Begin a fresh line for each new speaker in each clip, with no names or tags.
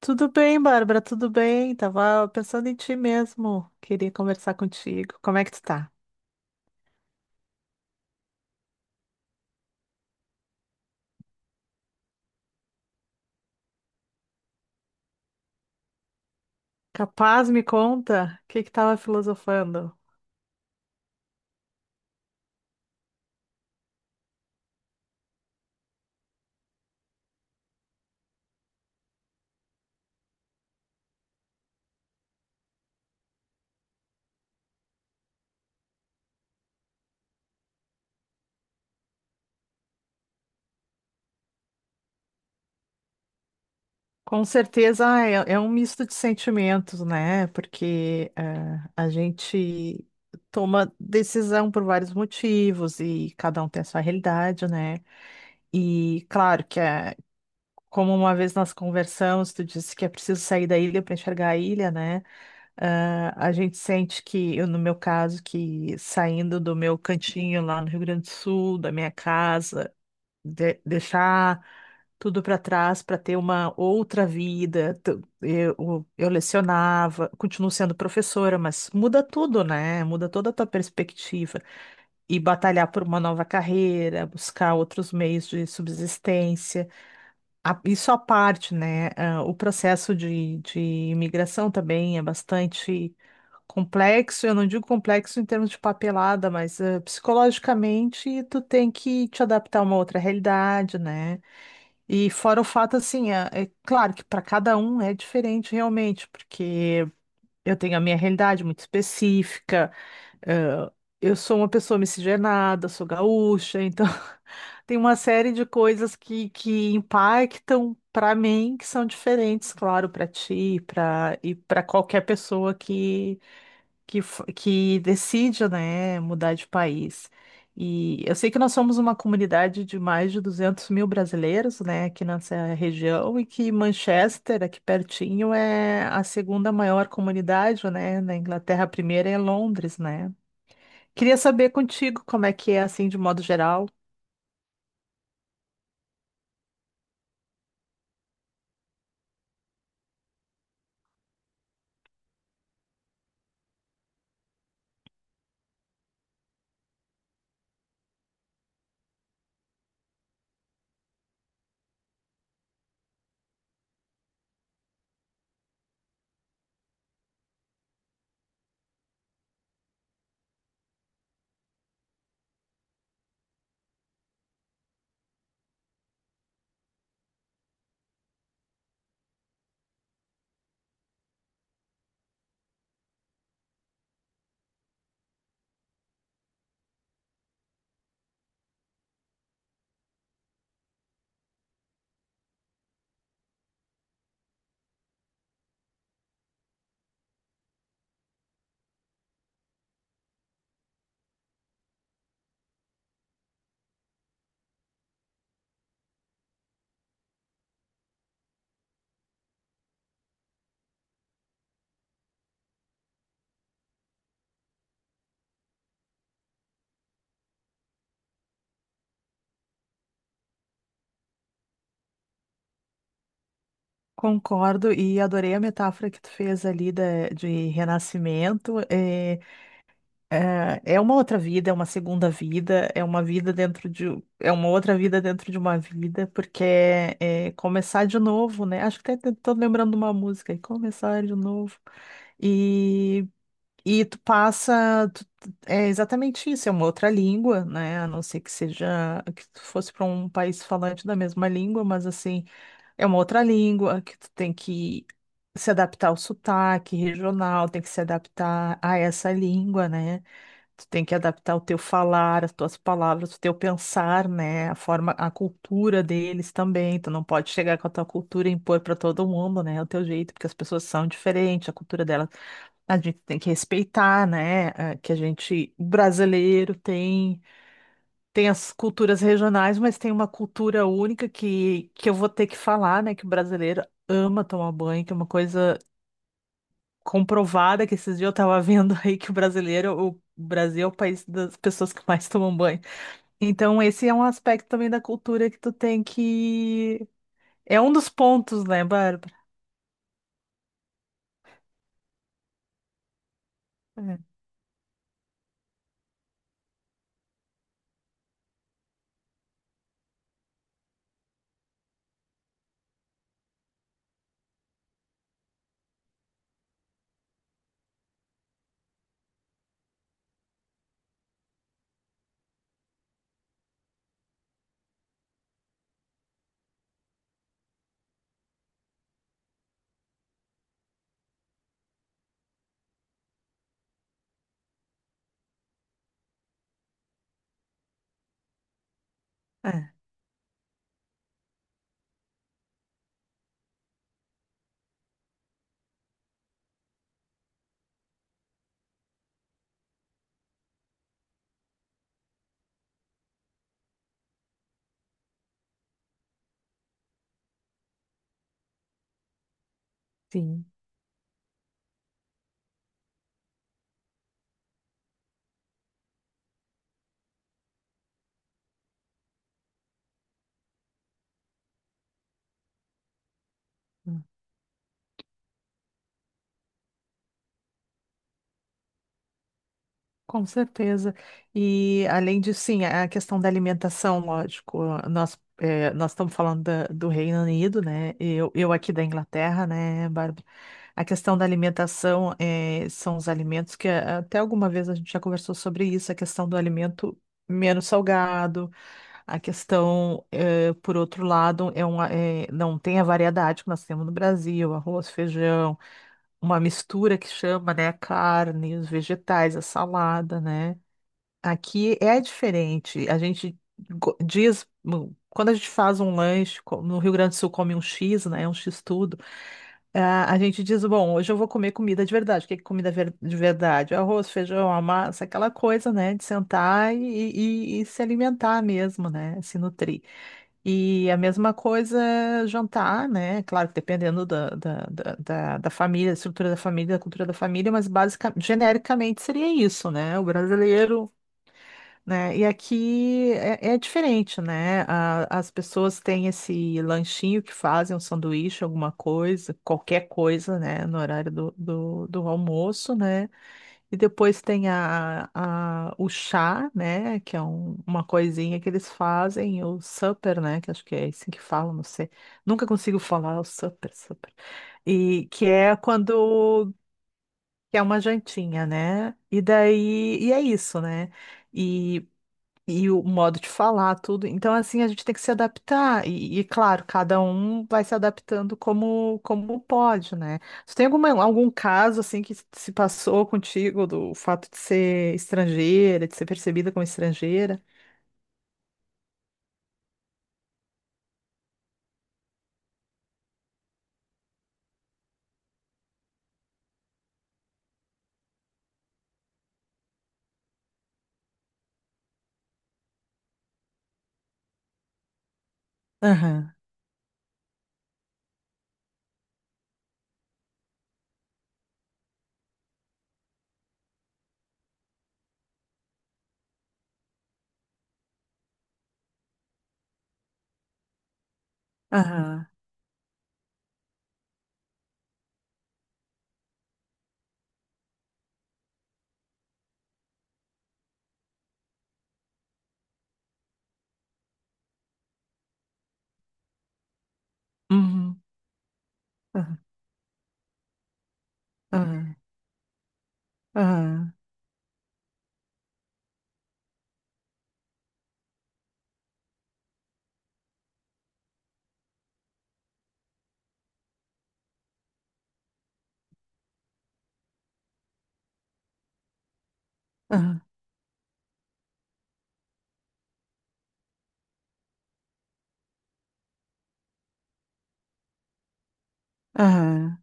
Tudo bem, Bárbara, tudo bem? Tava pensando em ti mesmo. Queria conversar contigo. Como é que tu tá? Capaz, me conta o que que tava filosofando. Com certeza é, é um misto de sentimentos, né? Porque a gente toma decisão por vários motivos e cada um tem a sua realidade, né? E claro que é, como uma vez nós conversamos, tu disse que é preciso sair da ilha para enxergar a ilha, né? Ah, a gente sente que, eu, no meu caso, que saindo do meu cantinho lá no Rio Grande do Sul, da minha casa, deixar tudo para trás para ter uma outra vida. Eu lecionava, continuo sendo professora, mas muda tudo, né? Muda toda a tua perspectiva. E batalhar por uma nova carreira, buscar outros meios de subsistência. Isso à parte, né? O processo de imigração também é bastante complexo. Eu não digo complexo em termos de papelada, mas psicologicamente tu tem que te adaptar a uma outra realidade, né? E fora o fato, assim, é claro que para cada um é diferente realmente, porque eu tenho a minha realidade muito específica, eu sou uma pessoa miscigenada, sou gaúcha, então tem uma série de coisas que impactam para mim, que são diferentes, claro, para ti, para e para qualquer pessoa que que decide, né, mudar de país. E eu sei que nós somos uma comunidade de mais de 200 mil brasileiros, né, aqui nessa região, e que Manchester, aqui pertinho, é a segunda maior comunidade, né, na Inglaterra, a primeira é Londres, né. Queria saber contigo como é que é, assim, de modo geral. Concordo e adorei a metáfora que tu fez ali de renascimento. É, é, é uma outra vida, é uma segunda vida, é uma vida é uma outra vida dentro de uma vida, porque é, é começar de novo, né? Acho que até estou lembrando de uma música, aí, começar de novo. E E tu passa, é exatamente isso, é uma outra língua, né? A não ser que seja que tu fosse para um país falante da mesma língua, mas assim, é uma outra língua que tu tem que se adaptar ao sotaque regional, tem que se adaptar a essa língua, né? Tu tem que adaptar o teu falar, as tuas palavras, o teu pensar, né? A forma, a cultura deles também. Tu não pode chegar com a tua cultura e impor para todo mundo, né? O teu jeito, porque as pessoas são diferentes, a cultura delas a gente tem que respeitar, né? Que a gente, o brasileiro tem as culturas regionais, mas tem uma cultura única que eu vou ter que falar, né? Que o brasileiro ama tomar banho, que é uma coisa comprovada, que esses dias eu tava vendo aí que o brasileiro, o Brasil é o país das pessoas que mais tomam banho. Então, esse é um aspecto também da cultura que tu tem que. É um dos pontos, né, Bárbara? É, é, sim. Com certeza. E além disso, sim, a questão da alimentação, lógico, nós, nós estamos falando do Reino Unido, né? Eu aqui da Inglaterra, né, Bárbara? A questão da alimentação são os alimentos que até alguma vez a gente já conversou sobre isso, a questão do alimento menos salgado, a questão, por outro lado, é uma, não tem a variedade que nós temos no Brasil, arroz, feijão, uma mistura que chama, né, carne, os vegetais, a salada, né? Aqui é diferente. A gente diz, quando a gente faz um lanche, no Rio Grande do Sul come um X, né? Um X tudo. Ah, a gente diz, bom, hoje eu vou comer comida de verdade. O que é comida de verdade? Arroz, feijão, a massa, aquela coisa, né? De sentar e, e se alimentar mesmo, né? Se nutrir. E a mesma coisa jantar, né? Claro que dependendo da família, da estrutura da família, da cultura da família, mas basicamente, genericamente seria isso, né? O brasileiro né? E aqui é, é diferente, né? As pessoas têm esse lanchinho que fazem, um sanduíche, alguma coisa, qualquer coisa, né? No horário do almoço, né? E depois tem o chá, né? Que é uma coisinha que eles fazem, o supper, né? Que acho que é assim que falam, não sei. Nunca consigo falar o supper, supper. E que é quando... que é uma jantinha, né? E daí, e é isso, né? e e o modo de falar, tudo. Então, assim, a gente tem que se adaptar. E, claro, cada um vai se adaptando como, como pode, né? Tu tem alguma, algum caso, assim, que se passou contigo do fato de ser estrangeira, de ser percebida como estrangeira? Aham, aham, uhum, aham, aham, aham, aham, aham.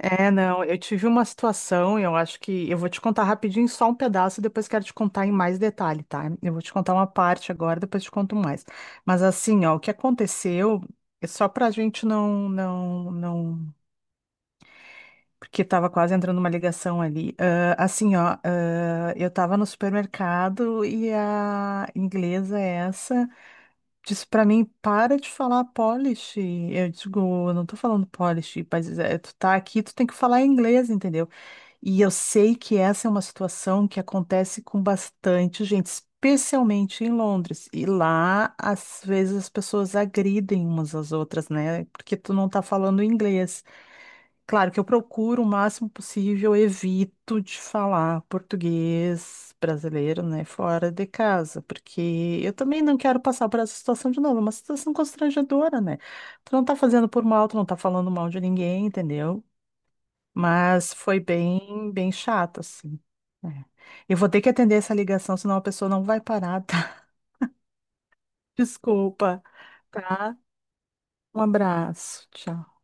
É, não, eu tive uma situação, eu acho que eu vou te contar rapidinho só um pedaço, depois quero te contar em mais detalhe, tá? Eu vou te contar uma parte agora, depois te conto mais. Mas assim, ó, o que aconteceu, é só pra gente não, não, não, porque tava quase entrando uma ligação ali. Ah, assim, ó, eu tava no supermercado e a inglesa essa disse pra mim, para de falar polish. Eu digo, "Eu não tô falando polish, mas é, tu tá aqui, tu tem que falar inglês, entendeu? E eu sei que essa é uma situação que acontece com bastante gente, especialmente em Londres. E lá, às vezes, as pessoas agridem umas às outras, né? Porque tu não tá falando inglês. Claro que eu procuro o máximo possível, evito de falar português brasileiro, né? Fora de casa, porque eu também não quero passar por essa situação de novo, é uma situação constrangedora, né? Tu não tá fazendo por mal, tu não tá falando mal de ninguém, entendeu? Mas foi bem, bem chato, assim. Né? Eu vou ter que atender essa ligação, senão a pessoa não vai parar, tá? Desculpa, tá? Um abraço, tchau.